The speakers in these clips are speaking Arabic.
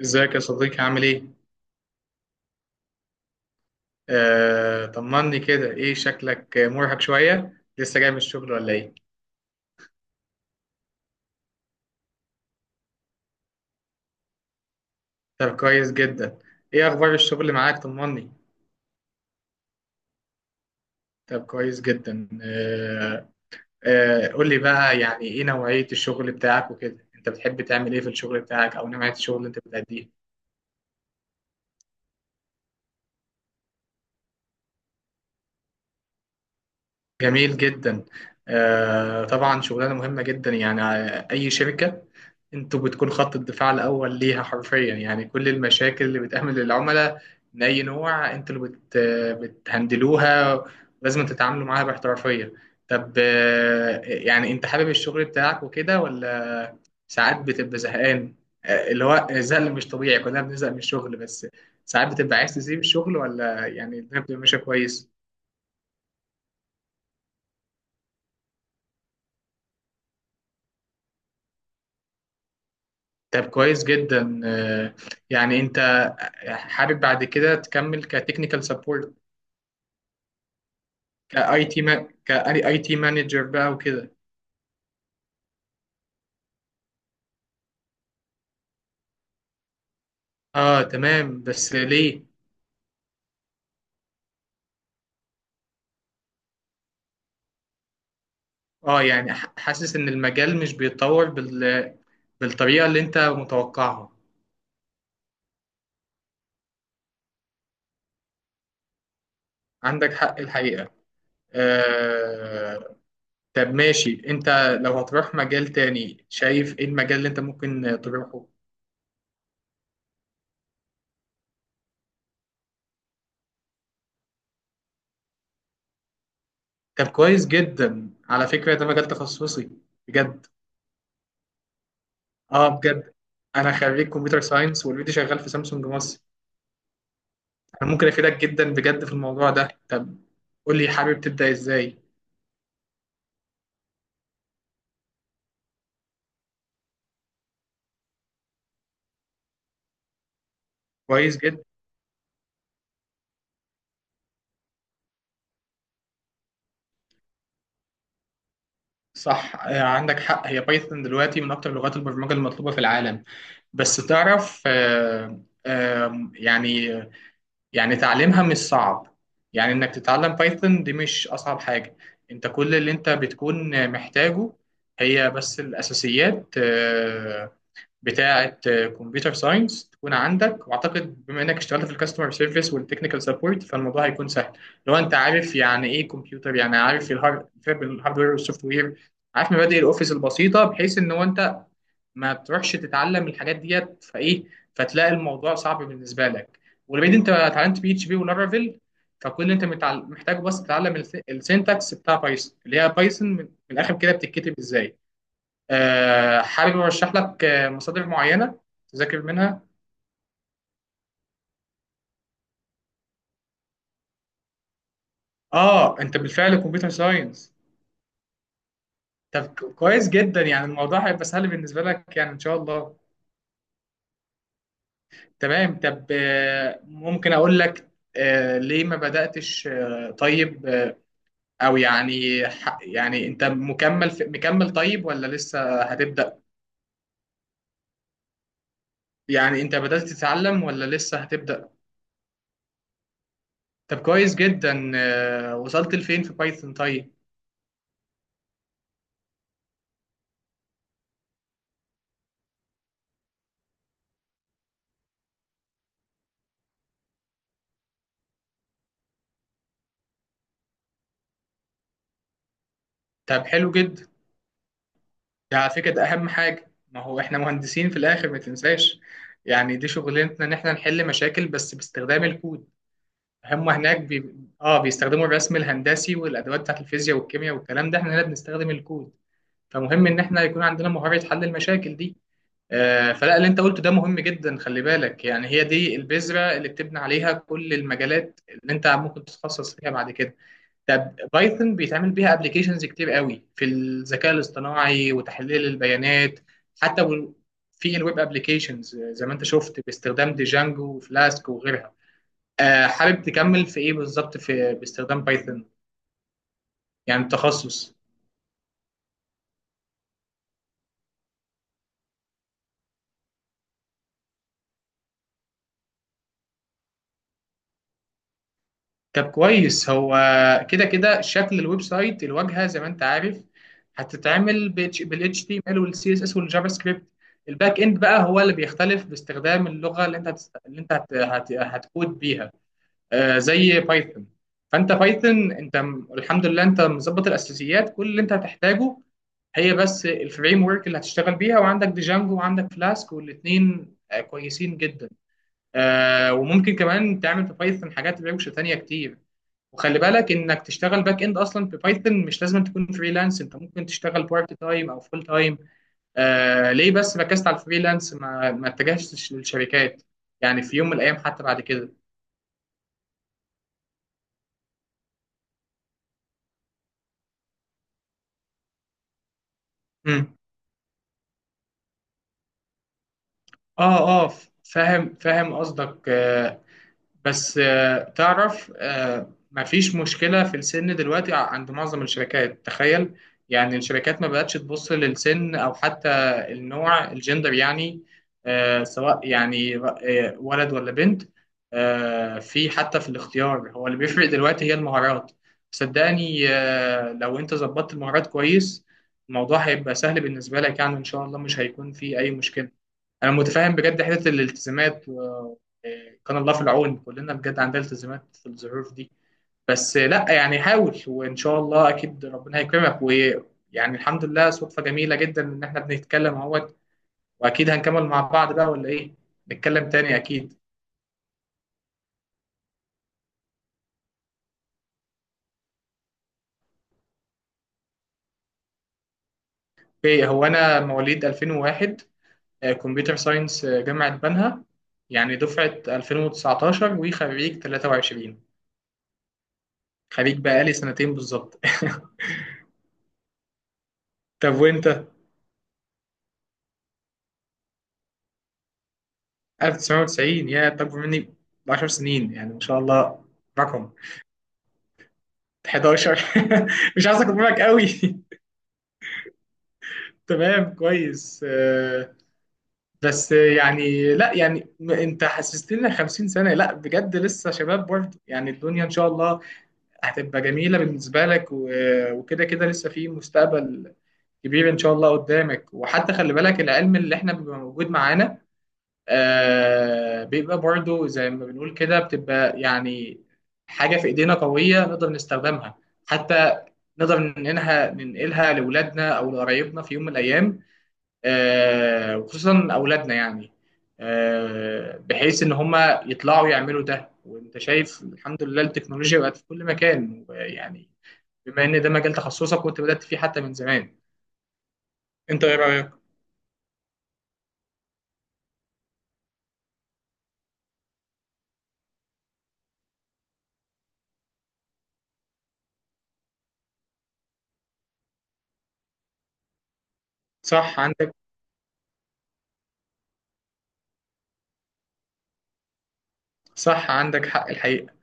ازيك يا صديقي عامل ايه؟ طمني كده ايه شكلك مرهق شوية لسه جاي من الشغل ولا ايه؟ طب كويس جدا. ايه اخبار الشغل معاك طمني. طب كويس جدا قول لي بقى ايه نوعية الشغل بتاعك وكده، انت بتحب تعمل ايه في الشغل بتاعك او نوعية الشغل اللي انت بتأديه؟ جميل جدا. طبعا شغلانه مهمه جدا، اي شركه انتوا بتكون خط الدفاع الاول ليها حرفيا، يعني كل المشاكل اللي بتقابل للعملاء من اي نوع انتوا اللي بتهندلوها، لازم تتعاملوا معاها باحترافيه. طب يعني انت حابب الشغل بتاعك وكده ولا ساعات بتبقى زهقان؟ اللي هو الزهق مش طبيعي، كلنا بنزهق من الشغل، بس ساعات بتبقى عايز تسيب الشغل ولا يعني الدنيا بتبقى ماشيه كويس؟ طب كويس جدا. يعني انت حابب بعد كده تكمل كتكنيكال سبورت، كاي تي كاي تي مانجر بقى وكده؟ اه تمام، بس ليه؟ اه يعني حاسس ان المجال مش بيتطور بالطريقة اللي انت متوقعها. عندك حق الحقيقة. آه... طب ماشي، انت لو هتروح مجال تاني شايف ايه المجال اللي انت ممكن تروحه؟ طب كويس جدا، على فكرة ده مجال تخصصي بجد. اه بجد، انا خريج كمبيوتر ساينس والفيديو شغال في سامسونج مصر. انا ممكن افيدك جدا بجد في الموضوع ده. طب قول لي، حابب تبدا ازاي؟ كويس جدا. صح، عندك حق، هي بايثون دلوقتي من اكتر لغات البرمجه المطلوبه في العالم. بس تعرف، يعني تعليمها مش صعب، يعني انك تتعلم بايثون دي مش اصعب حاجه. انت كل اللي انت بتكون محتاجه هي بس الاساسيات بتاعه كمبيوتر ساينس تكون عندك، واعتقد بما انك اشتغلت في الكاستمر سيرفيس والتكنيكال سبورت فالموضوع هيكون سهل. لو انت عارف يعني ايه كمبيوتر، يعني عارف الهاردوير والسوفت وير، عارف مبادئ الاوفيس البسيطه، بحيث ان هو انت ما بتروحش تتعلم الحاجات ديت فايه فتلاقي الموضوع صعب بالنسبه لك. ولبعيد انت اتعلمت بي اتش بي ولارافيل، فكل اللي انت محتاجه بس تتعلم السينتاكس بتاع بايثون، اللي هي بايثون من الاخر كده بتتكتب ازاي. حابب ارشح لك مصادر معينه تذاكر منها. اه انت بالفعل كمبيوتر ساينس. طب كويس جدا، يعني الموضوع هيبقى سهل بالنسبه لك يعني ان شاء الله. تمام. طب ممكن اقول لك ليه ما بداتش، او يعني يعني انت مكمل في مكمل طيب ولا لسه هتبدا؟ يعني انت بدات تتعلم ولا لسه هتبدا؟ طب كويس جدا. وصلت لفين في بايثون طيب؟ طب حلو جدا، ده على فكرة ده أهم حاجة، ما هو إحنا مهندسين في الآخر ما تنساش، يعني دي شغلتنا، إن إحنا نحل مشاكل بس باستخدام الكود. هم هناك بي... آه بيستخدموا الرسم الهندسي والأدوات بتاعت الفيزياء والكيمياء والكلام ده، إحنا هنا بنستخدم الكود. فمهم إن إحنا يكون عندنا مهارة حل المشاكل دي. آه، فلا اللي أنت قلته ده مهم جدا، خلي بالك، يعني هي دي البذرة اللي بتبني عليها كل المجالات اللي أنت ممكن تتخصص فيها بعد كده. طب بايثون بيتعمل بيها ابلكيشنز كتير قوي في الذكاء الاصطناعي وتحليل البيانات، حتى في الويب ابلكيشنز زي ما انت شفت باستخدام ديجانجو وفلاسك وغيرها. حابب تكمل في ايه بالظبط في باستخدام بايثون، يعني التخصص؟ طب كويس، هو كده كده شكل الويب سايت، الواجهه زي ما انت عارف هتتعمل بالاتش تي ام ال والسي اس اس والجافا سكريبت، الباك اند بقى هو اللي بيختلف باستخدام اللغه اللي انت هتست... اللي انت هت... هت... هتكود بيها، زي بايثون. فانت بايثون، انت الحمد لله انت مظبط الاساسيات، كل اللي انت هتحتاجه هي بس الفريم ورك اللي هتشتغل بيها، وعندك ديجانجو وعندك فلاسك والاثنين كويسين جدا. وممكن كمان تعمل في بايثون حاجات روشه تانية كتير. وخلي بالك انك تشتغل باك اند اصلا ببايثون، مش لازم تكون فريلانس، انت ممكن تشتغل بارت تايم او فول تايم. آه ليه بس ركزت على الفريلانس، ما اتجهتش للشركات يعني في يوم من الايام حتى بعد كده؟ مم. اه، اه فاهم قصدك. آه، بس آه، تعرف، مفيش مشكلة في السن دلوقتي عند معظم الشركات، تخيل. يعني الشركات ما بقتش تبص للسن او حتى النوع، الجندر يعني، سواء يعني ولد ولا بنت. في حتى في الاختيار، هو اللي بيفرق دلوقتي هي المهارات. صدقني، لو انت ظبطت المهارات كويس، الموضوع هيبقى سهل بالنسبة لك يعني ان شاء الله، مش هيكون في اي مشكلة. انا متفاهم بجد حته الالتزامات كان الله في العون، كلنا بجد عندنا التزامات في الظروف دي. بس لا يعني حاول، وان شاء الله اكيد ربنا هيكرمك، ويعني الحمد لله صدفه جميله جدا ان احنا بنتكلم اهوت، واكيد هنكمل مع بعض بقى ولا ايه؟ نتكلم تاني اكيد. اوكي، هو انا مواليد 2001، كمبيوتر ساينس جامعه بنها، يعني دفعه 2019 وخريج 23. خريج بقالي سنتين بالظبط طب وانت؟ 1990؟ يا انت اكبر مني ب 10 سنين يعني ما شاء الله. رقم 11 مش عايز اكبر منك قوي تمام كويس. بس يعني لا يعني انت حسستني إن 50 سنة، لا بجد لسه شباب برضه، يعني الدنيا ان شاء الله هتبقى جميلة بالنسبة لك، وكده كده لسه في مستقبل كبير ان شاء الله قدامك. وحتى خلي بالك العلم اللي احنا بيبقى موجود معانا، آه بيبقى برضو زي ما بنقول كده بتبقى يعني حاجة في إيدينا قوية نقدر نستخدمها، حتى نقدر ننقلها لأولادنا أو لقرايبنا في يوم من الأيام، آه وخصوصا أولادنا يعني، آه بحيث إن هما يطلعوا يعملوا ده. وأنت شايف الحمد لله التكنولوجيا بقت في كل مكان يعني، بما إن ده مجال تخصصك وأنت بدأت فيه حتى من زمان، أنت إيه رأيك؟ صح عندك. صح عندك حق الحقيقة.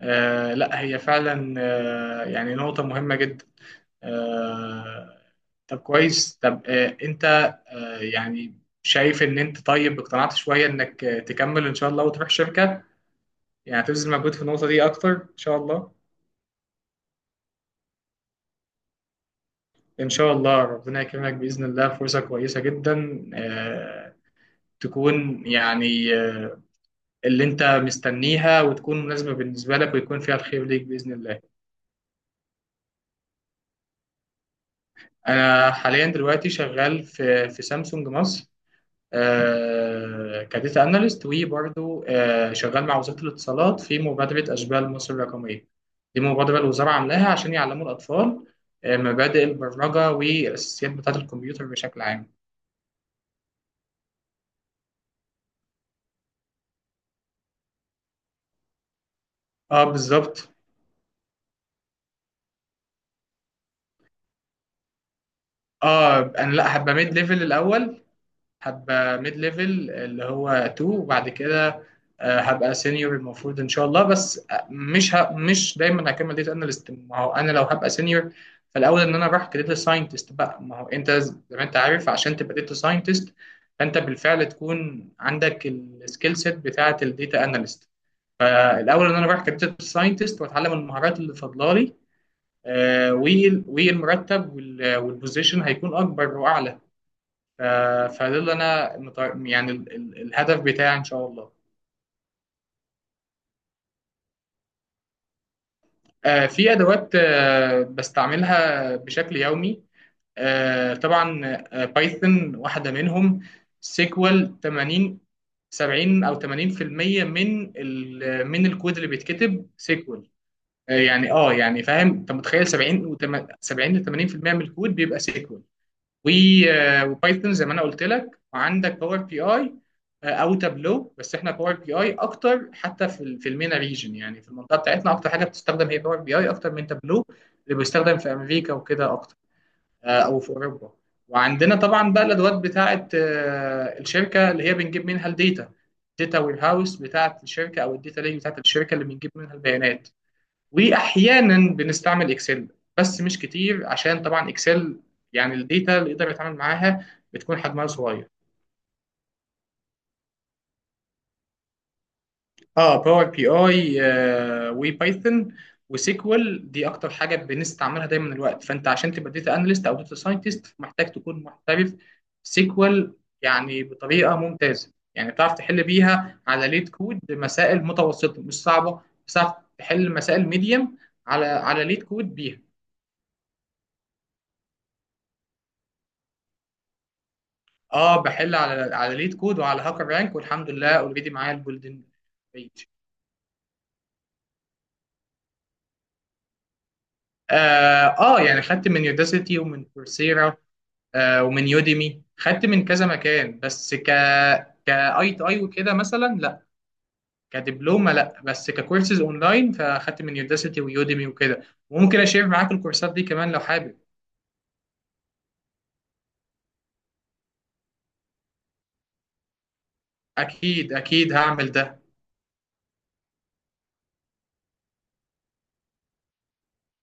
آه لا هي فعلا آه يعني نقطة مهمة جدا. آه طب كويس. طب آه انت آه، يعني شايف ان انت طيب اقتنعت شوية انك تكمل ان شاء الله وتروح شركة، يعني هتبذل مجهود في النقطة دي اكتر ان شاء الله. ان شاء الله ربنا يكرمك بإذن الله، فرصة كويسة جدا تكون يعني اللي انت مستنيها وتكون مناسبة بالنسبة لك ويكون فيها الخير ليك بإذن الله. انا حاليا دلوقتي شغال في في سامسونج مصر، كداتا اناليست، وبرضه شغال مع وزاره الاتصالات في مبادره اشبال مصر الرقميه. دي مبادره الوزاره عاملاها عشان يعلموا الاطفال مبادئ البرمجه والاساسيات بتاعه الكمبيوتر بشكل عام. اه بالظبط. اه انا لا هبقى ميد ليفل الاول، هابقى ميد ليفل اللي هو 2، وبعد كده هبقى سينيور المفروض ان شاء الله. بس مش دايما هكمل داتا اناليست، ما هو انا لو هبقى سينيور فالاول ان انا اروح كداتا ساينتست بقى. ما هو انت زي ما انت عارف، عشان تبقى داتا ساينتست فانت بالفعل تكون عندك السكيل سيت بتاعه الداتا اناليست، فالاول ان انا اروح كداتا ساينتست واتعلم المهارات اللي فاضله لي، والمرتب والبوزيشن هيكون اكبر واعلى. ف- فده اللي انا مت- يعني ال- ال- الهدف بتاعي ان شاء الله. في ادوات بستعملها بشكل يومي، طبعا بايثون واحده منهم. سيكوال، 80، 70 او 80% من من الكود اللي بيتكتب سيكوال، فاهم انت متخيل؟ 70 و 70 ل 80% من الكود بيبقى سيكوال. وبايثون زي ما انا قلت لك، وعندك باور بي اي او تابلو، بس احنا باور بي اي اكتر، حتى في في المينا ريجن يعني في المنطقه بتاعتنا اكتر حاجه بتستخدم هي باور بي اي اكتر من تابلو اللي بيستخدم في امريكا وكده اكتر، او في اوروبا. وعندنا طبعا بقى الادوات بتاعه الشركه اللي هي بنجيب منها الداتا، داتا وير هاوس بتاعه الشركه او الداتا ليك بتاعه الشركه اللي بنجيب منها البيانات. واحيانا بنستعمل اكسل بس مش كتير، عشان طبعا اكسل يعني الداتا اللي يقدر يتعامل معاها بتكون حجمها صغير. اه باور بي اي وبايثون وسيكوال دي اكتر حاجه بنستعملها دايما الوقت. فانت عشان تبقى داتا اناليست او داتا ساينتست محتاج تكون محترف سيكوال، يعني بطريقه ممتازه يعني بتعرف تحل بيها على ليت كود مسائل متوسطه مش صعبه، بتعرف تحل مسائل ميديم على ليت كود بيها. اه بحل على ليد كود وعلى هاكر رانك، والحمد لله اوريدي معايا الجولدن بيج. آه، اه يعني خدت من يوداسيتي ومن كورسيرا، آه ومن يوديمي، خدت من كذا مكان. بس كاي تو اي وكده مثلا لا، كدبلومه لا، بس ككورسز اونلاين فاخدت من يوداسيتي ويوديمي وكده. وممكن اشير معاك الكورسات دي كمان لو حابب. اكيد اكيد هعمل ده.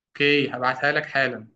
اوكي هبعتها لك حالا.